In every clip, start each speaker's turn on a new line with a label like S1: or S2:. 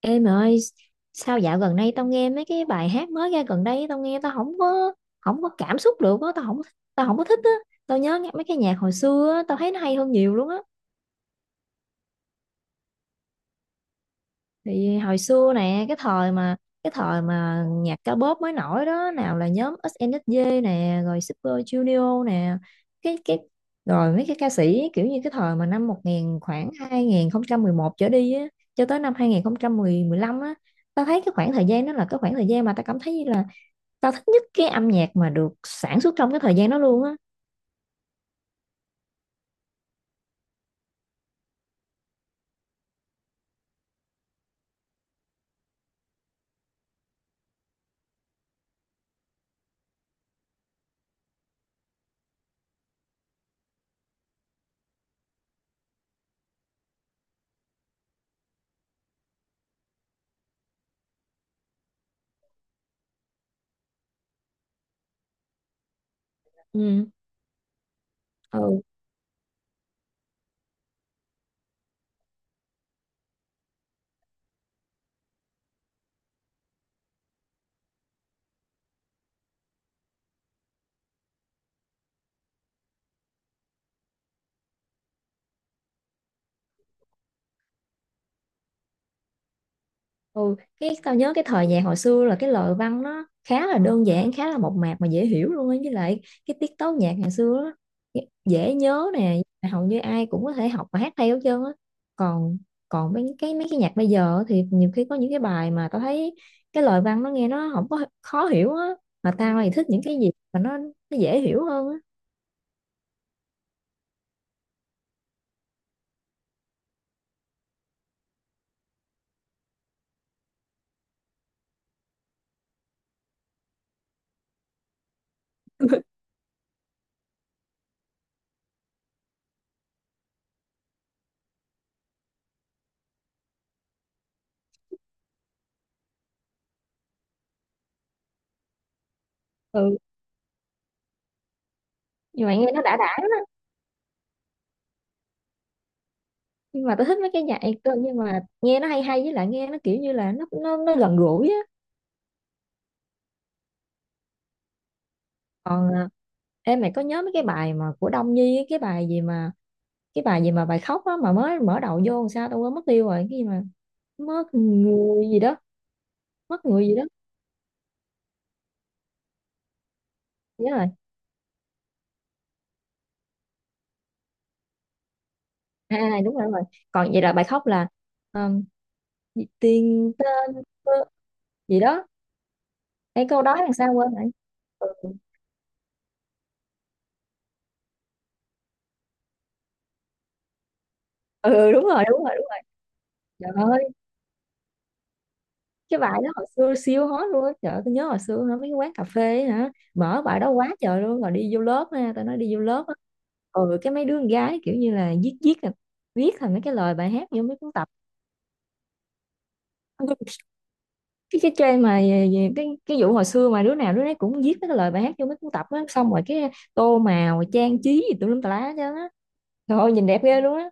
S1: Em ơi, sao dạo gần đây tao nghe mấy cái bài hát mới ra gần đây, tao không có cảm xúc được á, tao không có thích á. Tao nhớ nghe mấy cái nhạc hồi xưa á, tao thấy nó hay hơn nhiều luôn á. Thì hồi xưa nè, cái thời mà nhạc ca bóp mới nổi đó, nào là nhóm SNSD nè, rồi Super Junior nè, cái rồi mấy cái ca sĩ kiểu như cái thời mà năm 1000 khoảng 2011 trở đi á, cho tới năm 2015 á, tao thấy cái khoảng thời gian đó là cái khoảng thời gian mà tao cảm thấy như là tao thích nhất cái âm nhạc mà được sản xuất trong cái thời gian đó luôn á. Ừ. Ừ. ừ cái tao nhớ cái thời nhạc hồi xưa là cái lời văn nó khá là đơn giản, khá là mộc mạc mà dễ hiểu luôn á, với lại cái tiết tấu nhạc ngày xưa á dễ dễ nhớ nè, hầu như ai cũng có thể học và hát theo hết trơn á. Còn còn mấy cái nhạc bây giờ thì nhiều khi có những cái bài mà tao thấy cái lời văn nó nghe nó không có khó hiểu á, mà tao thì thích những cái gì mà nó dễ hiểu hơn á. Ừ. Như vậy nghe nó đã lắm. Nhưng mà tôi thích mấy cái nhạc cơ, nhưng mà nghe nó hay hay, với lại nghe nó kiểu như là nó gần gũi á. Còn em mày có nhớ mấy cái bài mà của Đông Nhi á, cái bài gì mà bài khóc á mà mới mở đầu vô, làm sao tôi quên mất tiêu rồi, cái gì mà mất người gì đó. Mất người gì đó. Nhớ rồi. À à, đúng rồi, đúng rồi. Còn vậy là bài khóc là um, tiền tên cơ gì đó. Cái câu đó làm sao quên vậy. Ừ, ừ đúng rồi, đúng rồi, đúng rồi. Trời ơi, cái bài đó hồi xưa siêu hot luôn á. Trời ơi, tôi nhớ hồi xưa hả, mấy cái quán cà phê ấy hả, mở bài đó quá trời luôn, rồi đi vô lớp ha, tao nói đi vô lớp á. Ừ. Cái mấy đứa con gái kiểu như là viết viết là viết thành mấy cái lời bài hát vô mấy cuốn tập. Cái trend mà về cái vụ hồi xưa mà đứa nào đứa nấy cũng viết mấy cái lời bài hát vô mấy cuốn tập á, xong rồi cái tô màu trang trí gì tùm lum tà lá chứ á. Trời ơi, nhìn đẹp ghê luôn á.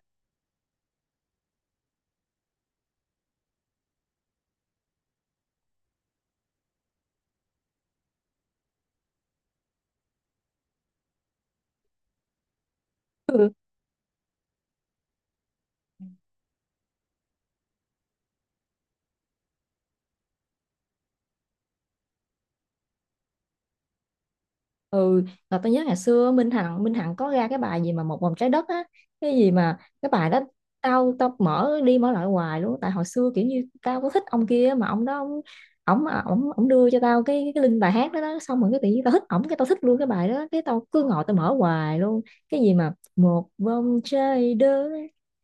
S1: Ừ, là tôi nhớ ngày xưa Minh Hằng có ra cái bài gì mà một vòng trái đất á, cái gì mà cái bài đó tao tao mở đi mở lại hoài luôn, tại hồi xưa kiểu như tao có thích ông kia mà ông đó ông ổng ổng ổng đưa cho tao cái link bài hát đó, đó, xong rồi cái tự nhiên tao thích ổng, cái tao thích luôn cái bài đó, cái tao cứ ngồi tao mở hoài luôn. Cái gì mà một vòng trái đất,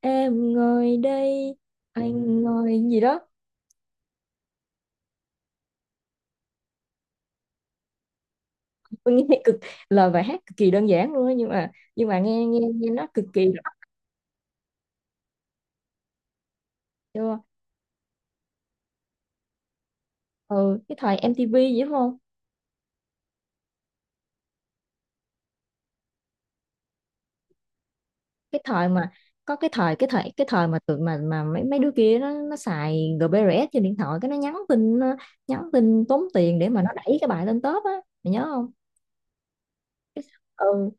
S1: em ngồi đây, anh ngồi gì đó. Tôi nghe cực, lời bài hát cực kỳ đơn giản luôn á, nhưng mà nghe nghe nghe nó cực kỳ rõ. Ừ, cái thời MTV vậy đúng không? Cái thời mà có cái thời mà tụi mà mấy mấy đứa kia nó xài GBRS trên điện thoại, cái nó nhắn tin, nó nhắn tin tốn tiền để mà nó đẩy cái bài lên top á. Mày nhớ không? Ừ.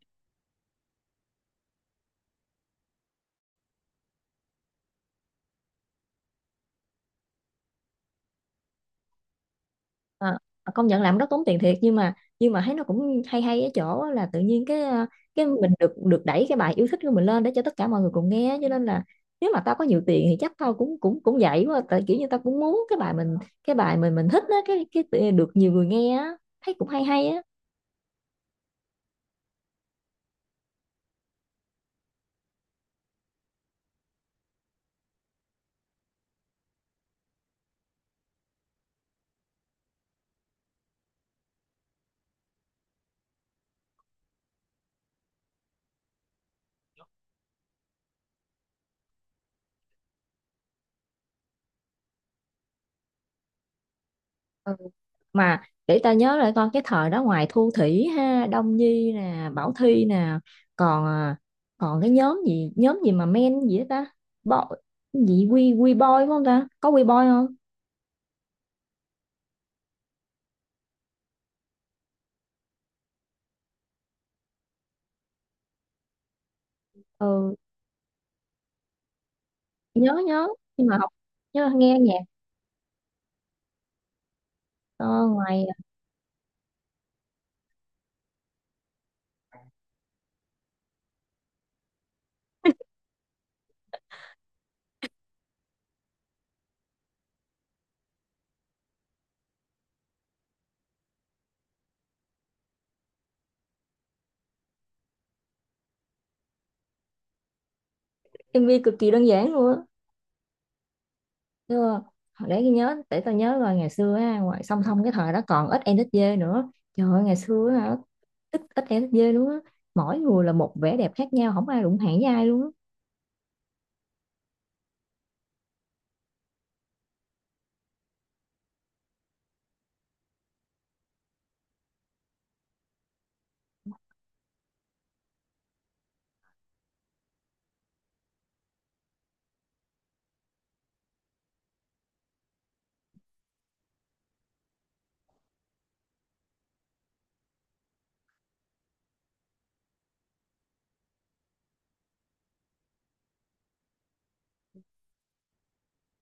S1: Ờ, công nhận làm rất tốn tiền thiệt, nhưng mà thấy nó cũng hay hay ở chỗ á, là tự nhiên cái cái mình được được đẩy cái bài yêu thích của mình lên để cho tất cả mọi người cùng nghe, cho nên là nếu mà tao có nhiều tiền thì chắc tao cũng cũng cũng vậy quá, tại kiểu như tao cũng muốn cái bài mình, cái bài mình thích á, cái được nhiều người nghe á, thấy cũng hay hay á. Mà để ta nhớ lại con cái thời đó, ngoài Thu Thủy ha, Đông Nhi nè, Bảo Thy nè, còn còn cái nhóm gì, nhóm gì mà men gì đó ta, Bo, gì quy, boy phải không ta, có quy boy không? Ừ, nhớ nhớ, nhưng mà học nhớ nghe nhạc. Ờ, ngoài MV cực kỳ đơn giản luôn á. Chưa, để tôi nhớ, để tao nhớ rồi, ngày xưa á, ngoài song song cái thời đó còn ít NSD nữa. Trời ơi, ngày xưa á, hả, ít ít NSD luôn á, mỗi người là một vẻ đẹp khác nhau, không ai đụng hàng với ai luôn á.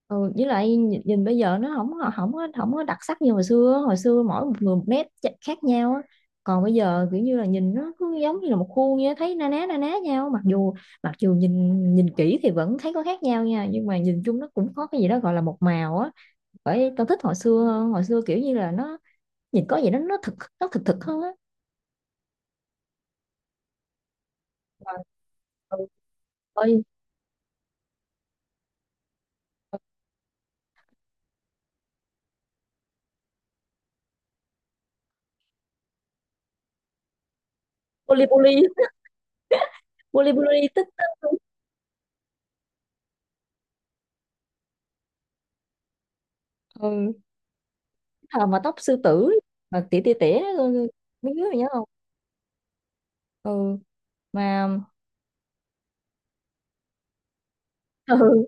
S1: Ừ, với lại nhìn, nhìn bây giờ nó không có, không có đặc sắc như hồi xưa. Hồi xưa mỗi một người một nét khác nhau á, còn bây giờ kiểu như là nhìn nó cứ giống như là một khuôn vậy á, thấy na ná nhau, mặc dù nhìn nhìn kỹ thì vẫn thấy có khác nhau nha, nhưng mà nhìn chung nó cũng có cái gì đó gọi là một màu á. Bởi tao thích hồi xưa hơn, hồi xưa kiểu như là nó nhìn có gì đó nó thực, thực hơn á. Mà- ừ, ôi, poly poly. poly poly tích tích. ừ. Thời mà tóc sư tử, mà tỉa tỉa tỉa. Mấy đứa mày nhớ. Ừ. Mà ừ.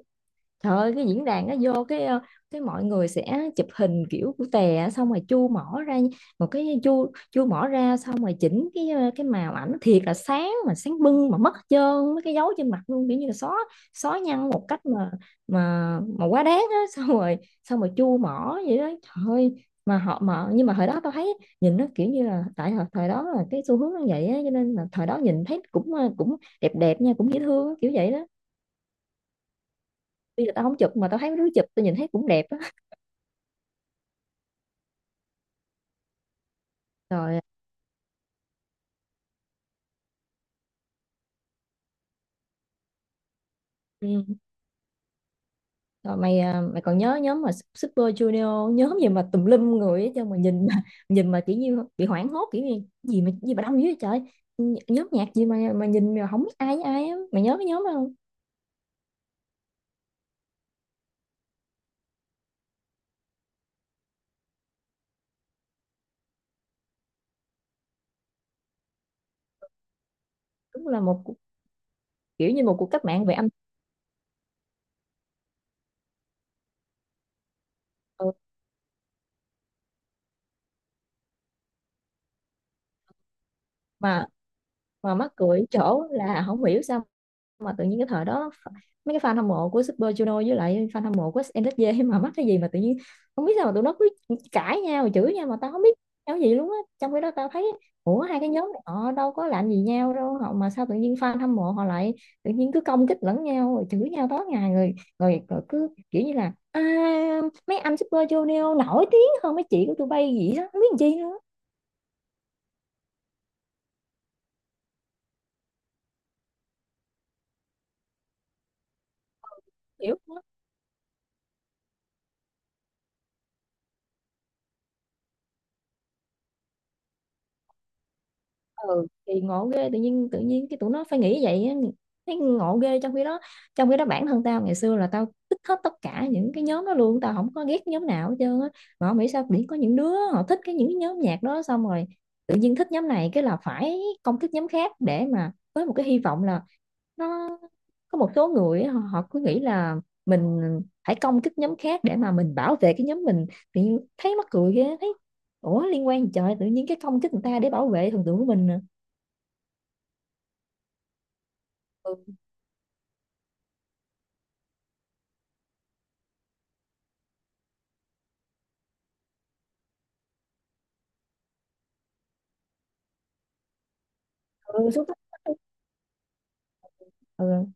S1: Trời ơi, cái diễn đàn nó vô cái cái mọi người sẽ chụp hình kiểu của tè á, xong rồi chu mỏ ra một cái, chu chu mỏ ra, xong rồi chỉnh cái cái màu ảnh thiệt là sáng, mà sáng bưng mà mất hết trơn mấy cái dấu trên mặt luôn, kiểu như là xóa, nhăn một cách mà quá đáng á, xong rồi chu mỏ vậy đó. Trời ơi, mà họ, mà nhưng mà thời đó tao thấy nhìn nó kiểu như là tại thời, thời đó là cái xu hướng nó vậy á, cho nên là thời đó nhìn thấy cũng cũng đẹp đẹp nha, cũng dễ thương á, kiểu vậy đó. Tuy là tao không chụp mà tao thấy mấy đứa chụp, tao nhìn thấy cũng đẹp á. Rồi. Ừ. Rồi mày mày còn nhớ nhóm mà Super Junior, nhóm gì mà tùm lum người ấy, chứ mà nhìn mà nhìn mà kiểu như bị hoảng hốt kiểu như gì mà đông dữ vậy trời. Nhóm nhạc gì mà nhìn mà không biết ai với ai á, mày nhớ cái nhóm đó không? Đúng là một cuộc-, kiểu như một cuộc cách mạng về âm. Ừ. Mà mắc cười chỗ là không hiểu sao mà tự nhiên cái thời đó mấy cái fan hâm mộ của Super Junior với lại fan hâm mộ của SNSD mà mắc cái gì mà tự nhiên, không biết sao mà tụi nó cứ cãi nhau rồi chửi nhau mà tao không biết nhau gì luôn á, trong khi đó tao thấy ủa, hai cái nhóm này họ đâu có làm gì nhau đâu, họ mà sao tự nhiên fan hâm mộ họ lại tự nhiên cứ công kích lẫn nhau rồi chửi nhau tối ngày rồi, rồi cứ kiểu như là à, mấy anh Super Junior nổi tiếng hơn mấy chị của tụi bay gì đó, không biết làm chi nữa. Hiểu không? Ừ, thì ngộ ghê, tự nhiên cái tụi nó phải nghĩ vậy á, thấy ngộ ghê. Trong khi đó bản thân tao ngày xưa là tao thích hết tất cả những cái nhóm đó luôn, tao không có ghét nhóm nào hết trơn á. Mà không hiểu sao biển có những đứa họ thích những cái nhóm nhạc đó, xong rồi tự nhiên thích nhóm này cái là phải công kích nhóm khác để mà với một cái hy vọng là nó, có một số người á, họ cứ nghĩ là mình phải công kích nhóm khác để mà mình bảo vệ cái nhóm mình, tự nhiên thấy mắc cười ghê, thấy ủa liên quan gì trời, tự nhiên cái công kích người ta để bảo vệ thần tượng của mình à? Ừ, xúc tích. Ừ.